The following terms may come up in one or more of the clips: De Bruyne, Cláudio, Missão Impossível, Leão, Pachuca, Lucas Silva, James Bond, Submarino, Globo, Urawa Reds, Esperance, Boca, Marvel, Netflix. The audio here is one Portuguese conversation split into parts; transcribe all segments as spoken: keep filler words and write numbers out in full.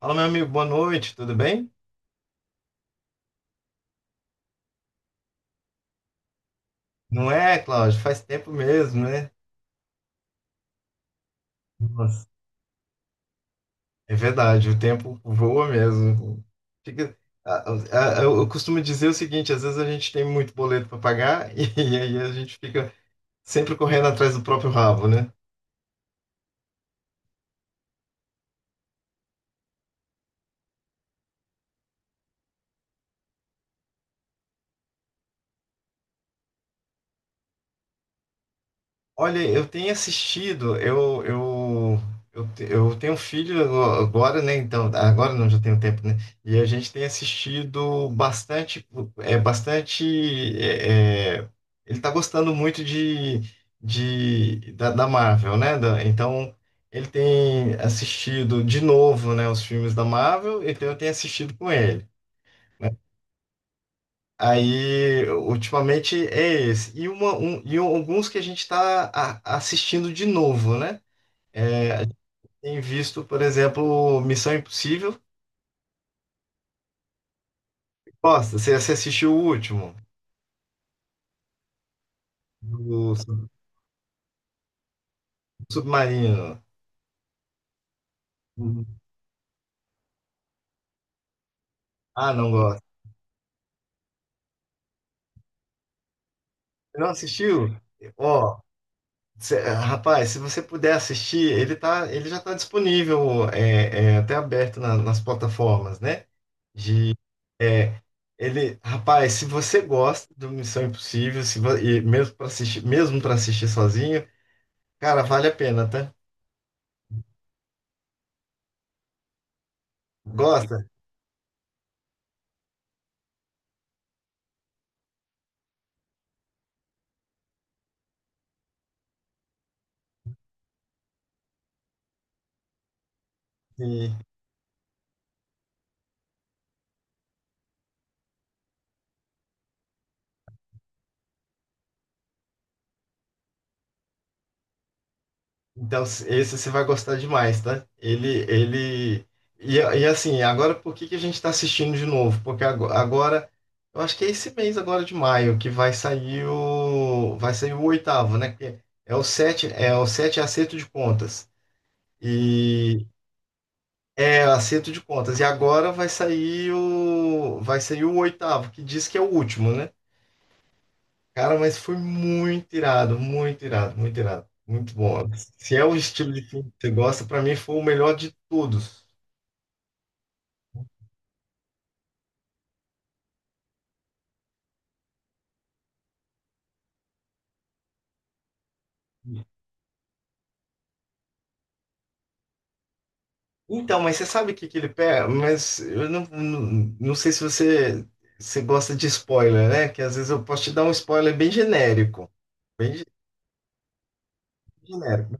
Fala, meu amigo, boa noite, tudo bem? Não é, Cláudio? Faz tempo mesmo, né? Nossa. É verdade, o tempo voa mesmo. Fica- a- a- a- eu costumo dizer o seguinte: às vezes a gente tem muito boleto para pagar e, aí a gente fica sempre correndo atrás do próprio rabo, né? Olha, eu tenho assistido, eu, eu, eu, te- eu tenho um filho agora, né? Então, agora não, já tenho tempo, né? E a gente tem assistido bastante, é bastante, é, é, ele tá gostando muito de, de da, da Marvel, né? Da- então, ele tem assistido de novo, né, os filmes da Marvel, então eu tenho assistido com ele. Aí, ultimamente é esse. E, uma, um, e alguns que a gente está assistindo de novo, né? É. Tem visto, por exemplo, Missão Impossível. Gosta? Você você assistiu o último, do Sub- Submarino? Uhum. Ah, não gosta. Não assistiu? Ó, cê- rapaz, se você puder assistir, ele tá, ele já está disponível, é, é, até aberto na- nas plataformas, né? De, é, ele, rapaz, se você gosta do Missão Impossível, se, vo- e mesmo para assistir, mesmo para assistir sozinho, cara, vale a pena, tá? Gosta? Então, esse você vai gostar demais, tá? Ele, ele... E, e assim, agora por que que a gente está assistindo de novo? Porque ago- agora, eu acho que é esse mês agora de maio que vai sair o... vai sair o oitavo, né? Que é o sete, é o sete é acerto de contas. E... É, acerto de contas. E agora vai sair o... vai sair o oitavo, que diz que é o último, né? Cara, mas foi muito irado, muito irado, muito irado. Muito bom. Se é o estilo de filme que você gosta, pra mim foi o melhor de todos. Então, mas você sabe o que que ele pega? Mas eu não, não, não sei se você, você gosta de spoiler, né? Que às vezes eu posso te dar um spoiler bem genérico. Bem ge- genérico.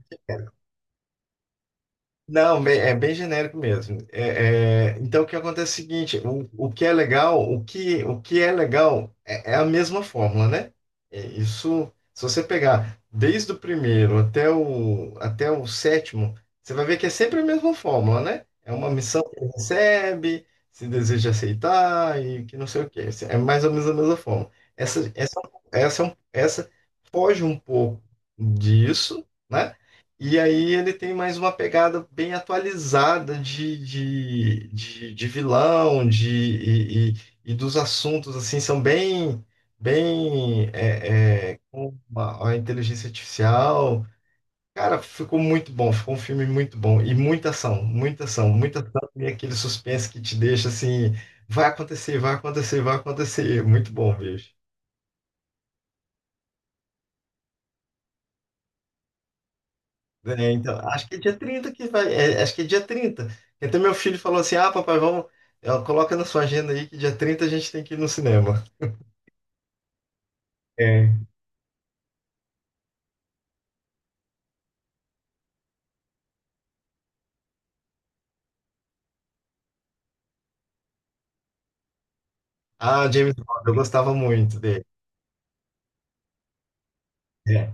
Não, bem- é bem genérico mesmo. É, é, então, o que acontece é o seguinte: o, o que é legal, o que, o que é legal é, é a mesma fórmula, né? É isso, se você pegar desde o primeiro até o, até o sétimo, você vai ver que é sempre a mesma fórmula, né? É uma missão que ele recebe, se deseja aceitar e que não sei o quê. É mais ou menos a mesma fórmula. Essa, essa, essa, é um, Essa foge um pouco disso, né? E aí ele tem mais uma pegada bem atualizada de, de, de, de vilão, de, e, e- e dos assuntos, assim, são bem, bem, é, é, com a, a inteligência artificial. Cara, ficou muito bom, ficou um filme muito bom. E muita ação, muita ação, muita ação e aquele suspense que te deixa assim, vai acontecer, vai acontecer, vai acontecer. Muito bom, bicho. É, então, acho que é dia trinta que vai. É, acho que é dia trinta. Então meu filho falou assim: ah, papai, vamos. ó, Coloca na sua agenda aí que dia trinta a gente tem que ir no cinema. É. Ah, James Bond, eu gostava muito dele. É,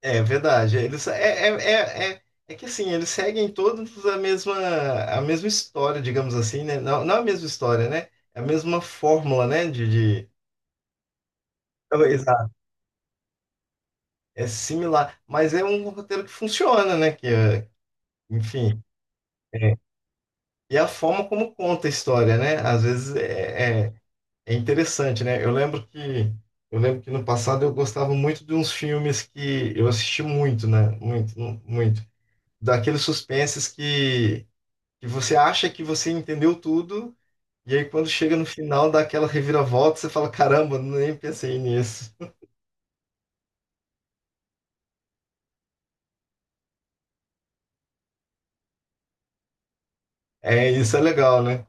é verdade. Eles, é, é, é, é, É que assim, eles seguem todos a mesma, a mesma história, digamos assim, né? Não, não a mesma história, né? É a mesma fórmula, né? De, de... Oh, exato. É similar, mas é um roteiro que funciona, né? Que, é, enfim. é, E a forma como conta a história, né? Às vezes é, é, é interessante, né? Eu lembro que eu lembro que no passado eu gostava muito de uns filmes que eu assisti muito, né? Muito, mu- muito. Daqueles suspenses que, que você acha que você entendeu tudo, e aí quando chega no final dá aquela reviravolta, você fala, caramba, nem pensei nisso. É, isso é legal, né?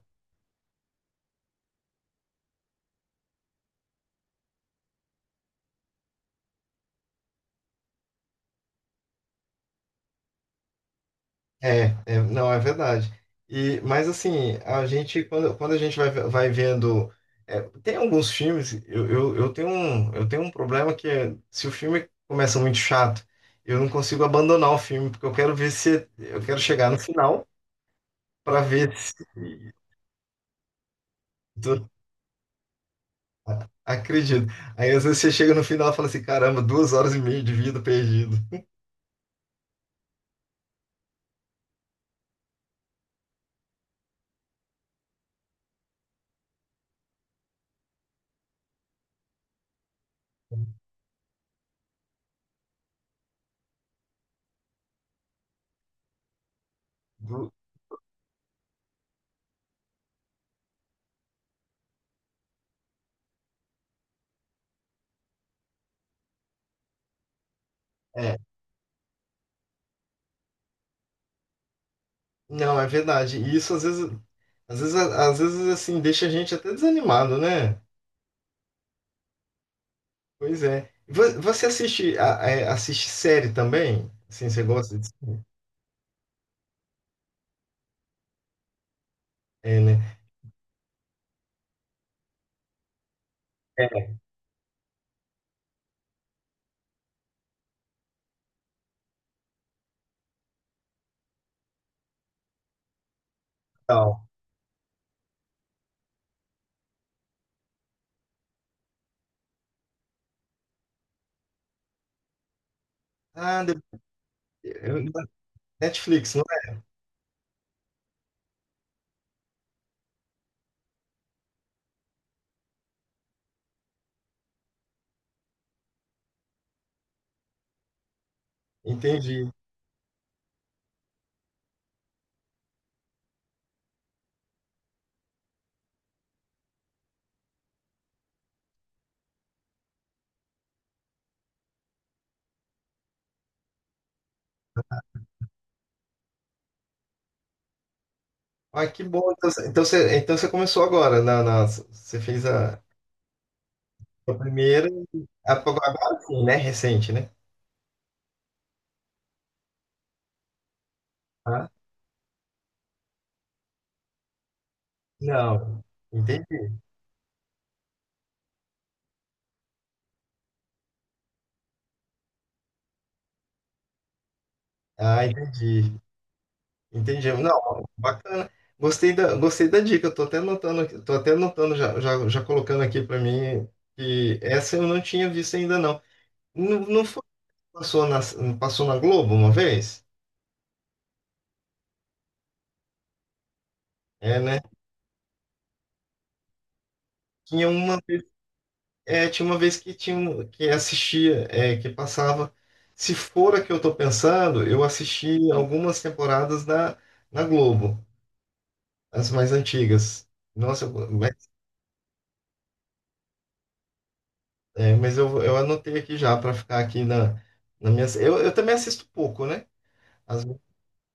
É, é, não, é verdade. E, mas assim, a gente, quando, quando a gente vai, vai vendo. É, tem alguns filmes, eu, eu, eu tenho um, eu tenho um problema que é, se o filme começa muito chato, eu não consigo abandonar o filme, porque eu quero ver se. Eu quero chegar no final para ver se. do- Acredito. Aí às vezes você chega no final e fala assim: caramba, duas horas e meia de vida perdido. Du- É, não, é verdade. E isso às vezes, às vezes, às vezes assim, deixa a gente até desanimado, né? Pois é. Vo- Você assiste, a- é, assiste série também? Assim, você gosta de série? É, né? É, tal. Ah, de- eu- Netflix, não é? Entendi. Ah, que bom. Então, você, então você então você começou agora. Na, na- você fez a, a primeira. A, agora sim, né? Recente, né? Ah, não. Entendi. Ah, entendi. Entendi. Não, bacana. Gostei da, gostei da dica. Eu tô até anotando, aqui- Tô até anotando já, já, já colocando aqui para mim que essa eu não tinha visto ainda não. Não, não foi que passou na, passou na Globo uma vez? É, né? Tinha uma, vez- é, Tinha uma vez que tinha um- que assistia, é, que passava. Se for a que eu tô pensando, eu assisti algumas temporadas na, na Globo, as mais antigas. Nossa. É, mas eu, eu anotei aqui já para ficar aqui na, na minha. Eu, eu também assisto pouco, né? Às, ve-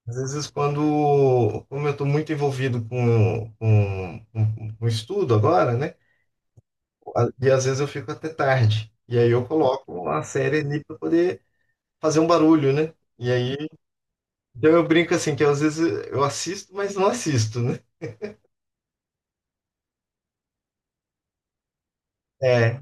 Às vezes, quando. Como eu estou muito envolvido com, com, com, com estudo agora, né? A- E às vezes eu fico até tarde. E aí eu coloco uma série ali para poder fazer um barulho, né? E aí. Então eu brinco assim, que às vezes eu assisto, mas não assisto, né? É.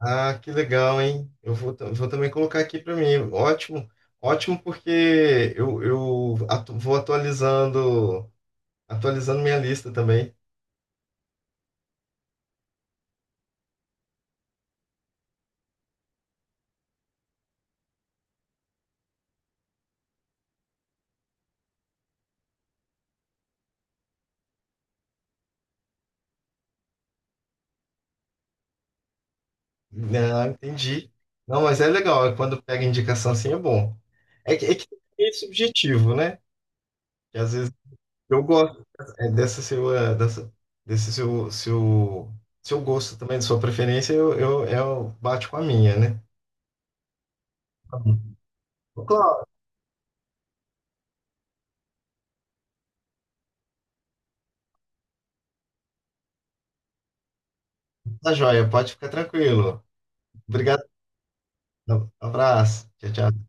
Ah, que legal, hein? Eu vou, tam- vou também colocar aqui para mim. Ótimo, ótimo, porque eu, eu atu- vou atualizando, atualizando, minha lista também. Ah, entendi. Não, mas é legal, é quando pega indicação assim é bom. É que, é que é subjetivo, né? Que às vezes eu gosto, é, dessa sua, dessa, desse seu, seu, seu gosto também, de sua preferência, eu, eu, eu bate com a minha, né? Tá bom. Ô, Cláudio, tá joia, pode ficar tranquilo. Obrigado. Abraço. Tchau, tchau.